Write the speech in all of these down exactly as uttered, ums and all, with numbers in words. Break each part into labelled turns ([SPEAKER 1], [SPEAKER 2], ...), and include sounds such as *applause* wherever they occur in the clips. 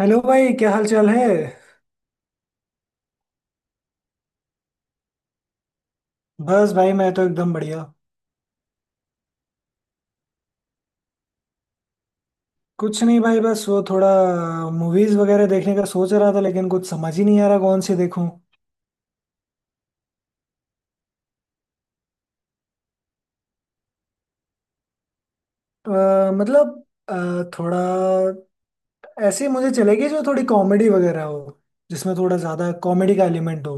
[SPEAKER 1] Hello भाई, क्या हाल चाल है। बस भाई मैं तो एकदम बढ़िया। कुछ नहीं भाई, बस वो थोड़ा मूवीज वगैरह देखने का सोच रहा था, लेकिन कुछ समझ ही नहीं आ रहा कौन सी देखूं। तो, अ, मतलब अ, थोड़ा ऐसी मुझे चलेगी जो थोड़ी कॉमेडी वगैरह हो, जिसमें थोड़ा ज्यादा कॉमेडी का एलिमेंट हो।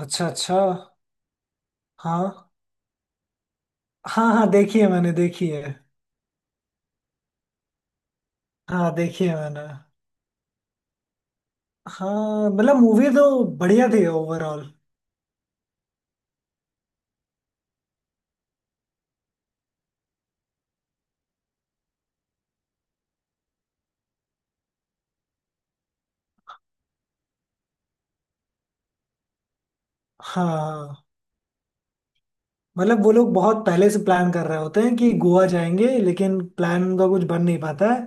[SPEAKER 1] अच्छा अच्छा। हाँ हाँ, हाँ देखी है मैंने, देखी है। हाँ देखी है मैंने। हाँ मतलब मूवी तो बढ़िया थी ओवरऑल। हाँ हाँ। मतलब वो लोग बहुत पहले से प्लान कर रहे होते हैं कि गोवा जाएंगे, लेकिन प्लान उनका कुछ बन नहीं पाता है।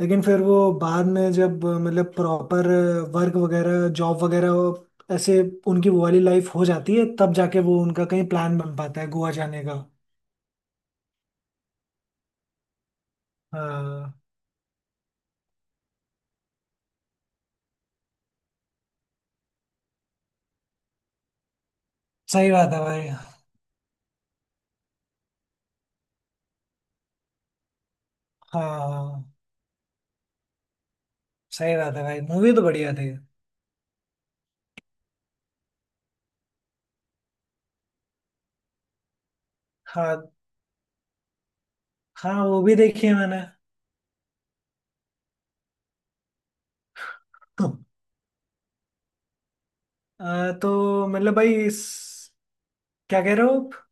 [SPEAKER 1] लेकिन फिर वो बाद में जब अ, मतलब प्रॉपर वर्क वगैरह, जॉब वगैरह, वो- ऐसे उनकी वो वाली लाइफ हो जाती है, तब जाके वो उनका कहीं प्लान बन पाता है गोवा जाने का। हाँ सही बात है भाई। हाँ सही बात है भाई, मूवी तो बढ़िया थी। हाँ हाँ, वो भी देखी है मैंने। *laughs* अ, तो मतलब भाई इस- क्या कह रहे हो आप?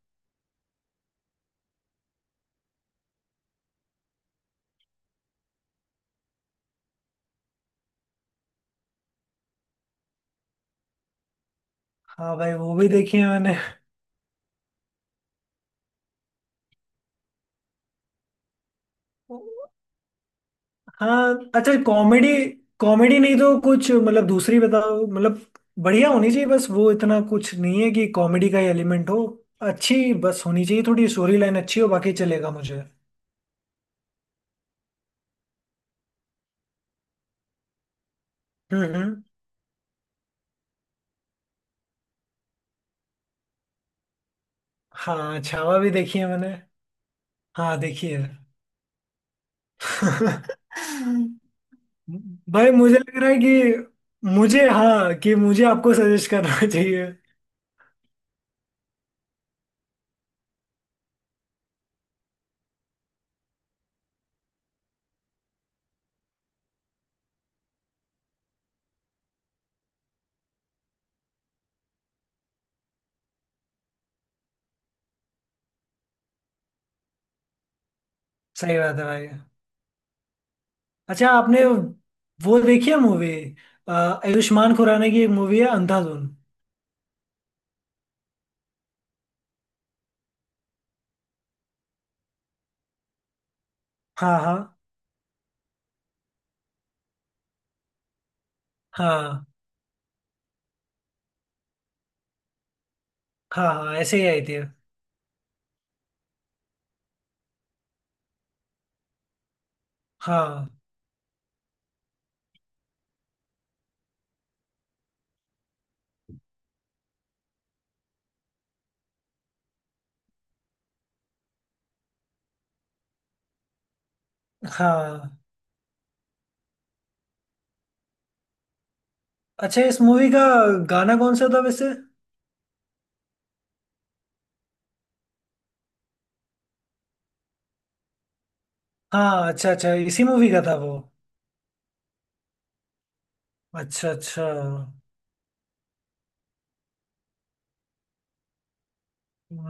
[SPEAKER 1] हाँ भाई, वो भी देखी है मैंने। हाँ अच्छा, कॉमेडी कॉमेडी नहीं तो कुछ मतलब दूसरी बताओ, मतलब बढ़िया होनी चाहिए, बस वो इतना कुछ नहीं है कि कॉमेडी का एलिमेंट हो। अच्छी बस होनी चाहिए, थोड़ी स्टोरी लाइन अच्छी हो, बाकी चलेगा मुझे। हम्म हम्म। हाँ छावा भी देखी है मैंने। हाँ देखी है। *laughs* भाई मुझे लग रहा है कि मुझे, हाँ, कि मुझे आपको सजेस्ट करना *laughs* चाहिए। सही बात है भाई। अच्छा आपने वो देखी है मूवी, आयुष्मान खुराना की एक मूवी है अंधाधुन। हाँ हाँ। हाँ हाँ, हाँ ऐसे ही आई थी। हाँ हाँ। अच्छा इस मूवी का गाना कौन सा था वैसे। हाँ अच्छा अच्छा, इसी मूवी का था वो। अच्छा अच्छा।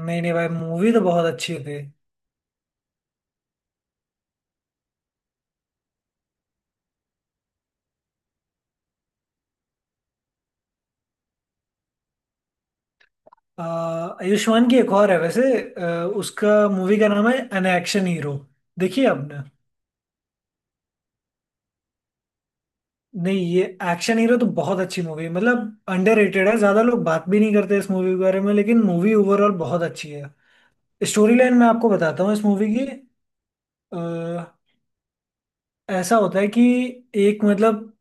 [SPEAKER 1] नहीं नहीं भाई, मूवी तो बहुत अच्छी थी। आ, आयुष्मान की एक और है वैसे, आ, उसका मूवी का नाम है एन एक्शन हीरो। देखिए आपने। नहीं ये एक्शन हीरो तो बहुत अच्छी मूवी है, मतलब अंडररेटेड है। ज्यादा लोग बात भी नहीं करते इस मूवी के बारे में, लेकिन मूवी ओवरऑल बहुत अच्छी है। स्टोरी लाइन मैं आपको बताता हूँ इस मूवी की। ऐसा होता है कि एक मतलब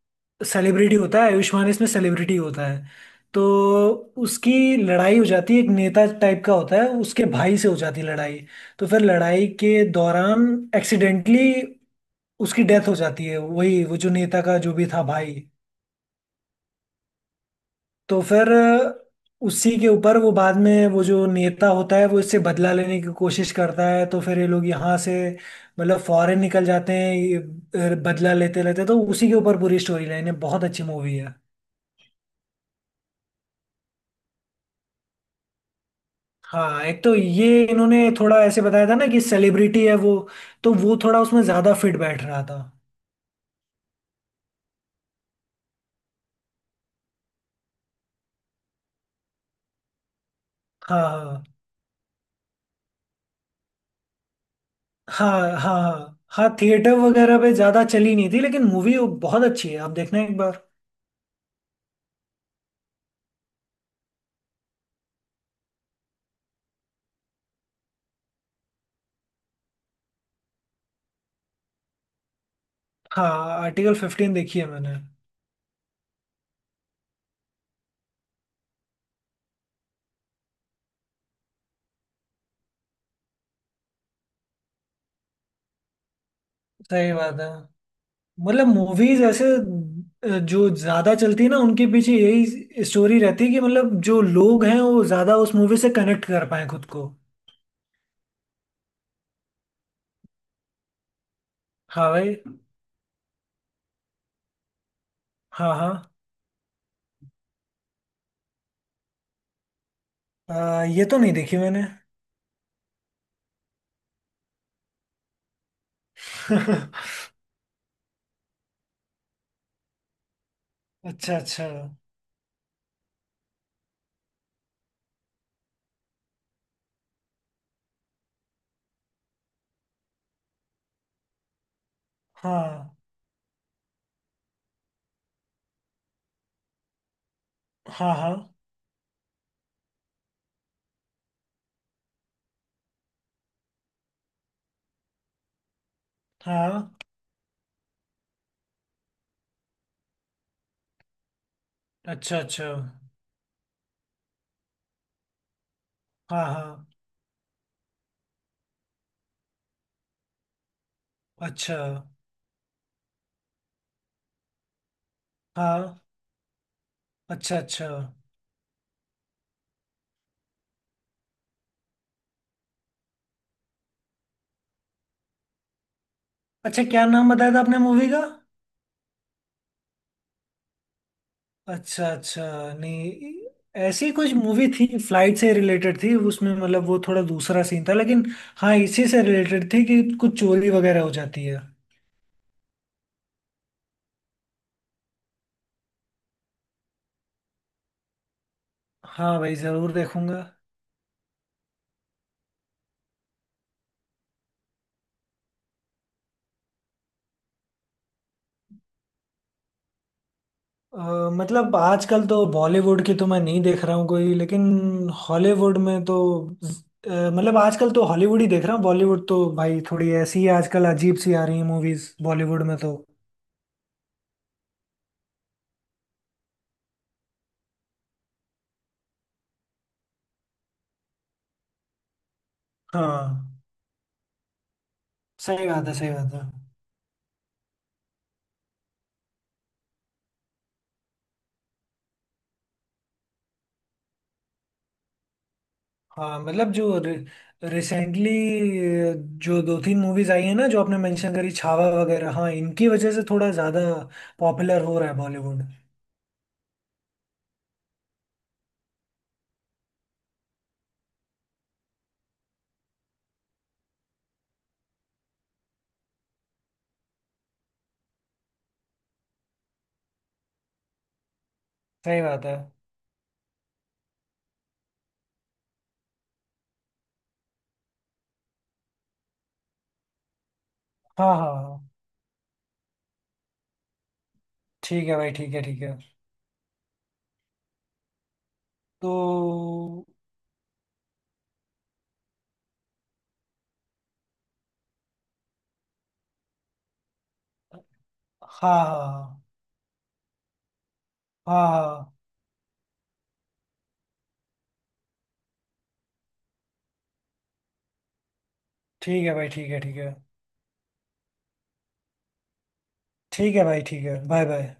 [SPEAKER 1] सेलिब्रिटी होता है, आयुष्मान इसमें सेलिब्रिटी होता है। तो उसकी लड़ाई हो जाती है, एक नेता टाइप का होता है उसके भाई से हो जाती है लड़ाई। तो फिर लड़ाई के दौरान एक्सीडेंटली उसकी डेथ हो जाती है, वही वो जो नेता का जो भी था भाई। तो फिर उसी के ऊपर वो बाद में वो जो नेता होता है वो इससे बदला लेने की कोशिश करता है, तो फिर ये लोग यहाँ से मतलब फॉरेन निकल जाते हैं, ये बदला लेते रहते हैं। तो उसी के ऊपर पूरी स्टोरी लाइन है, बहुत अच्छी मूवी है। हाँ एक तो ये इन्होंने थोड़ा ऐसे बताया था ना कि सेलिब्रिटी है वो, तो वो थोड़ा उसमें ज्यादा फिट बैठ रहा था। हाँ हाँ हाँ हाँ हाँ, थिएटर वगैरह पे ज्यादा चली नहीं थी, लेकिन मूवी बहुत अच्छी है, आप देखना एक बार। हाँ। आर्टिकल फिफ्टीन देखी है मैंने। सही बात है, मतलब मूवीज ऐसे अ, जो ज्यादा चलती है ना उनके पीछे यही स्टोरी रहती है कि मतलब जो लोग हैं वो ज्यादा उस मूवी से कनेक्ट कर पाए खुद को। हाँ भाई। हाँ हाँ, अ, ये तो नहीं देखी मैंने। *laughs* अच्छा अच्छा। हाँ हाँ हाँ हाँ। अच्छा अच्छा। हाँ हाँ। अच्छा। हाँ। अच्छा अच्छा। अच्छा क्या नाम बताया था आपने मूवी का। अच्छा अच्छा। नहीं, ऐसी कुछ मूवी थी फ्लाइट से रिलेटेड थी उसमें, मतलब वो थोड़ा दूसरा सीन था लेकिन। हाँ इसी से रिलेटेड थी कि कुछ चोरी वगैरह हो जाती है। हाँ भाई जरूर देखूंगा। अ, मतलब आजकल तो बॉलीवुड की तो मैं नहीं देख रहा हूँ कोई, लेकिन हॉलीवुड में तो अ, मतलब आजकल तो हॉलीवुड ही देख रहा हूँ। बॉलीवुड तो भाई थोड़ी ऐसी ही आजकल अजीब सी आ रही है मूवीज बॉलीवुड में तो। हाँ सही बात है, सही बात है। हाँ मतलब जो रिसेंटली जो दो तीन मूवीज आई हैं ना, जो आपने मेंशन करी, छावा वगैरह, हाँ इनकी वजह से थोड़ा ज्यादा पॉपुलर हो रहा है बॉलीवुड। सही बात है। हाँ हाँ हाँ, ठीक है भाई, ठीक है ठीक है। तो हाँ हाँ। हाँ हाँ, ठीक है भाई, ठीक है ठीक है। ठीक है भाई, ठीक है, बाय बाय।